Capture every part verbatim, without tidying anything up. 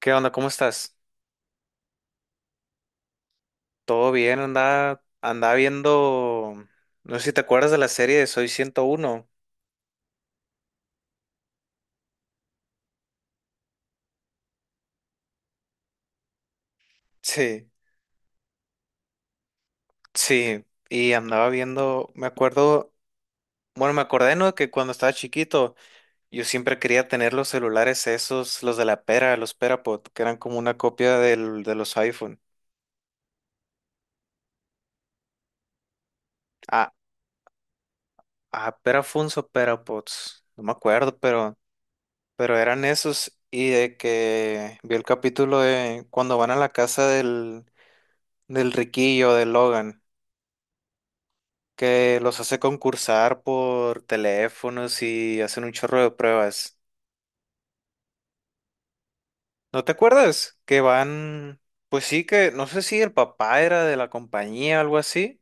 ¿Qué onda? ¿Cómo estás? ¿Todo bien? Andaba, andaba viendo, no sé si te acuerdas de la serie de Soy ciento uno. Sí, sí, y andaba viendo, me acuerdo, bueno, me acordé, ¿no? Que cuando estaba chiquito, yo siempre quería tener los celulares esos, los de la pera, los Perapod, que eran como una copia del, de los iPhone. Ah, ah, Perafunes o Perapods, no me acuerdo, pero, pero eran esos. Y de que vi el capítulo de cuando van a la casa del del Riquillo, de Logan, que los hace concursar por teléfonos y hacen un chorro de pruebas. ¿No te acuerdas? Que van, pues sí que, no sé si el papá era de la compañía o algo así,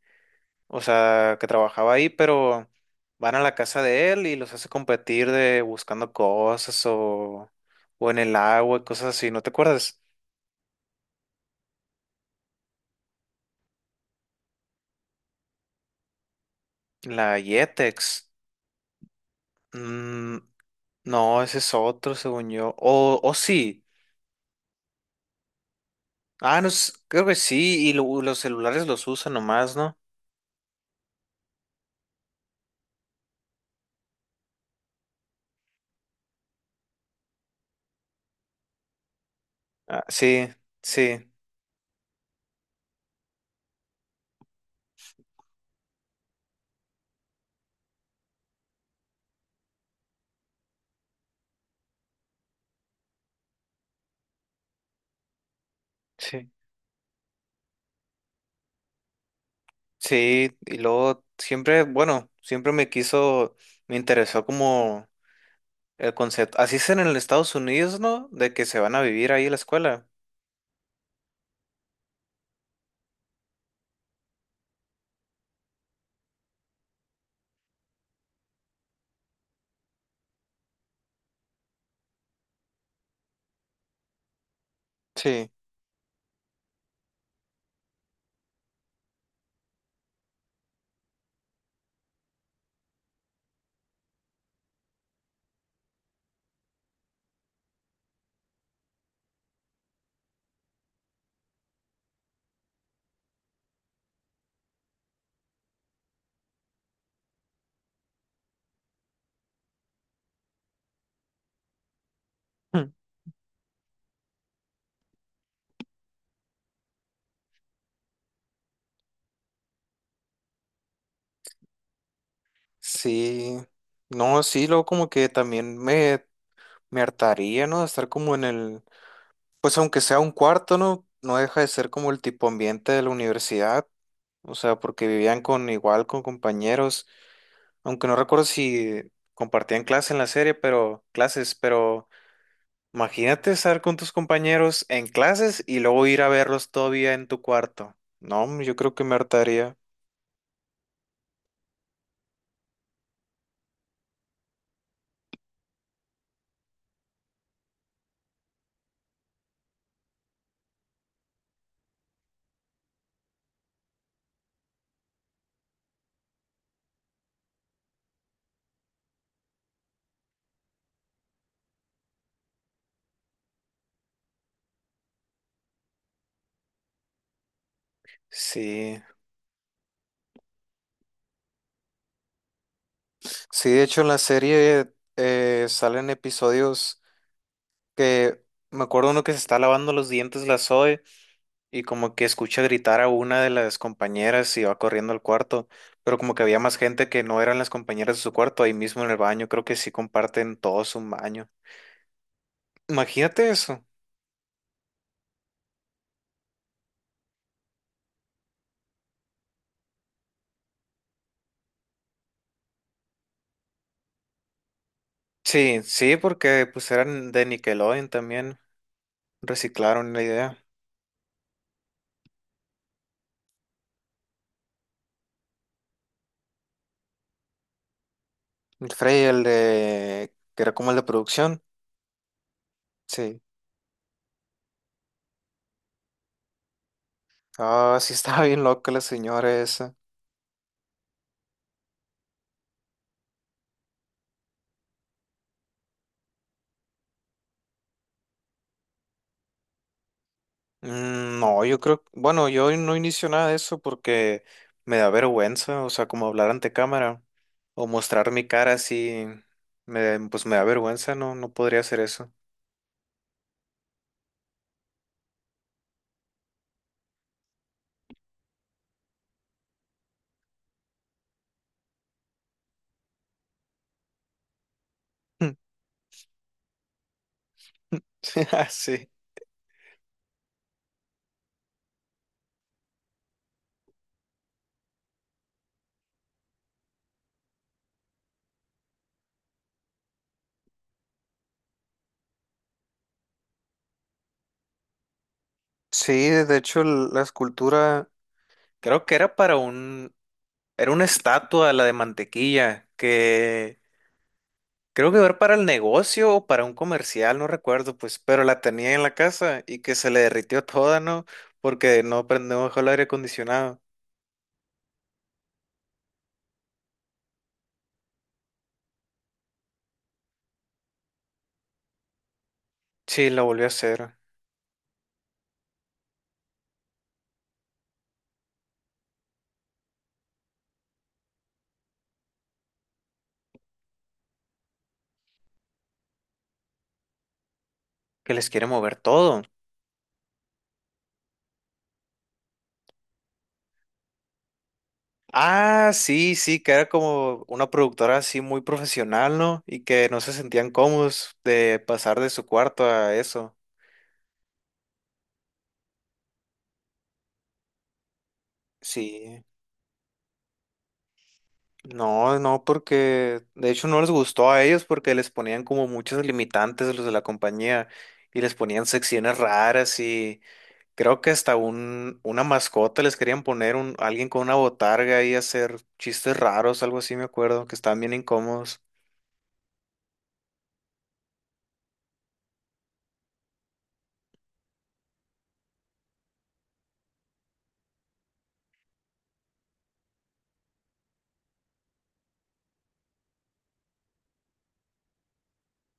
o sea, que trabajaba ahí, pero van a la casa de él y los hace competir de buscando cosas o, o en el agua y cosas así, ¿no te acuerdas? La Yetex. Mm, no, ese es otro, según yo. O, o sí. Ah, no, s- creo que sí, y lo- los celulares los usan nomás, ¿no? Ah, sí, sí, sí, sí, y luego siempre, bueno, siempre me quiso, me interesó como el concepto, así es en el Estados Unidos, ¿no? De que se van a vivir ahí a la escuela. Sí. Mm. Sí, no, sí, luego como que también me, me hartaría, ¿no? De estar como en el, pues aunque sea un cuarto, ¿no? No deja de ser como el tipo ambiente de la universidad, o sea, porque vivían con igual, con compañeros. Aunque no recuerdo si compartían clase en la serie, pero clases, pero imagínate estar con tus compañeros en clases y luego ir a verlos todavía en tu cuarto. No, yo creo que me hartaría. Sí. Sí, de hecho en la serie eh, salen episodios que me acuerdo uno que se está lavando los dientes la Zoe y como que escucha gritar a una de las compañeras y va corriendo al cuarto, pero como que había más gente que no eran las compañeras de su cuarto ahí mismo en el baño, creo que sí comparten todos un baño. Imagínate eso. Sí, sí, porque pues eran de Nickelodeon también. Reciclaron la idea. El Frey, el de... que era como el de producción. Sí. Ah, sí estaba bien loca la señora esa. Mm, no, yo creo... Bueno, yo no inicio nada de eso porque me da vergüenza. O sea, como hablar ante cámara o mostrar mi cara así, me, pues me da vergüenza. No, no podría hacer eso. Mm. Sí. Sí, de hecho, el- la escultura creo que era para un, era una estatua, la de mantequilla, que creo que era para el negocio o para un comercial, no recuerdo, pues, pero la tenía en la casa y que se le derritió toda, ¿no? Porque no prendió el aire acondicionado. Sí, la volvió a hacer. Que les quiere mover todo. Ah, sí, sí, que era como una productora así muy profesional, ¿no? Y que no se sentían cómodos de pasar de su cuarto a eso. Sí. No, no, porque de hecho no les gustó a ellos porque les ponían como muchos limitantes a los de la compañía y les ponían secciones raras y creo que hasta un, una mascota les querían poner un, alguien con una botarga y hacer chistes raros, algo así me acuerdo, que estaban bien incómodos.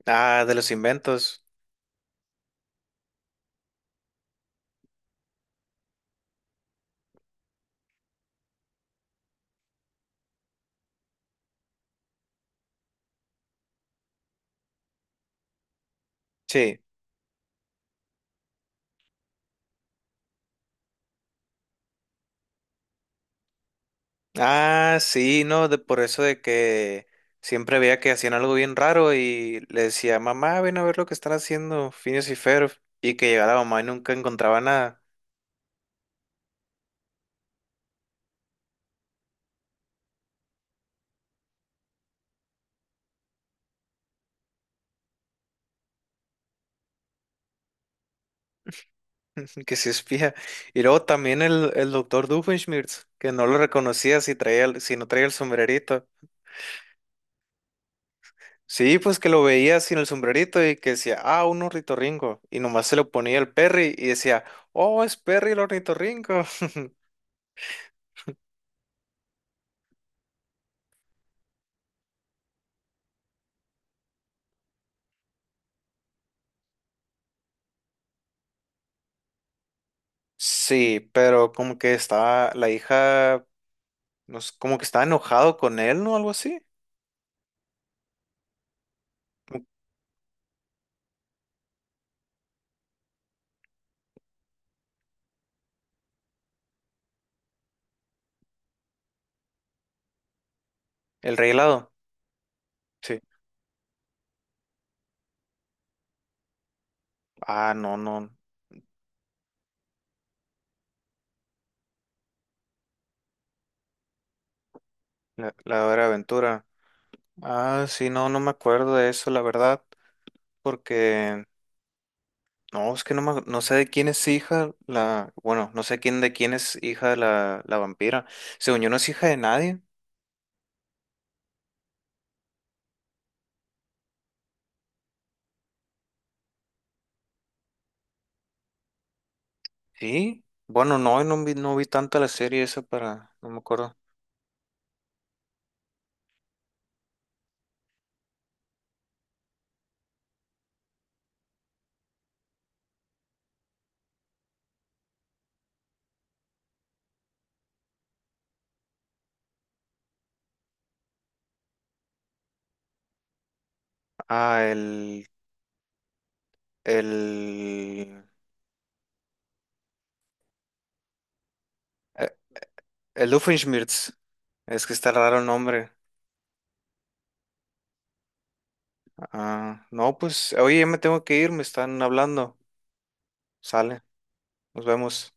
Ah, de los inventos. Sí. Ah, sí, no, de por eso de que siempre veía que hacían algo bien raro y le decía, mamá, ven a ver lo que están haciendo, Phineas y Ferb, y que llegaba la mamá y nunca encontraba nada. Que se espía. Y luego también el, el doctor Doofenshmirtz, que no lo reconocía si traía, el- si no traía el sombrerito. Sí, pues que lo veía sin el sombrerito y que decía, ah, un ornitorrinco. Y nomás se lo ponía el Perry y decía, oh, es Perry el ornitorrinco. Sí, pero como que estaba la hija, no sé, como que estaba enojado con él, ¿no? Algo así. El rey helado. Sí. Ah, no, no. La, la hora de aventura. Ah, sí, no, no me acuerdo de eso, la verdad, porque no, es que no, me- no sé de quién es hija la... Bueno, no sé quién de quién es hija la, la vampira. Según yo no es hija de nadie. Sí. Bueno, no, no vi, no vi tanto la serie esa para... No me acuerdo. Ah, el... El... eh, el Doofenshmirtz. Es que está raro el nombre. Ah, no, pues, oye, ya me tengo que ir, me están hablando. Sale, nos vemos.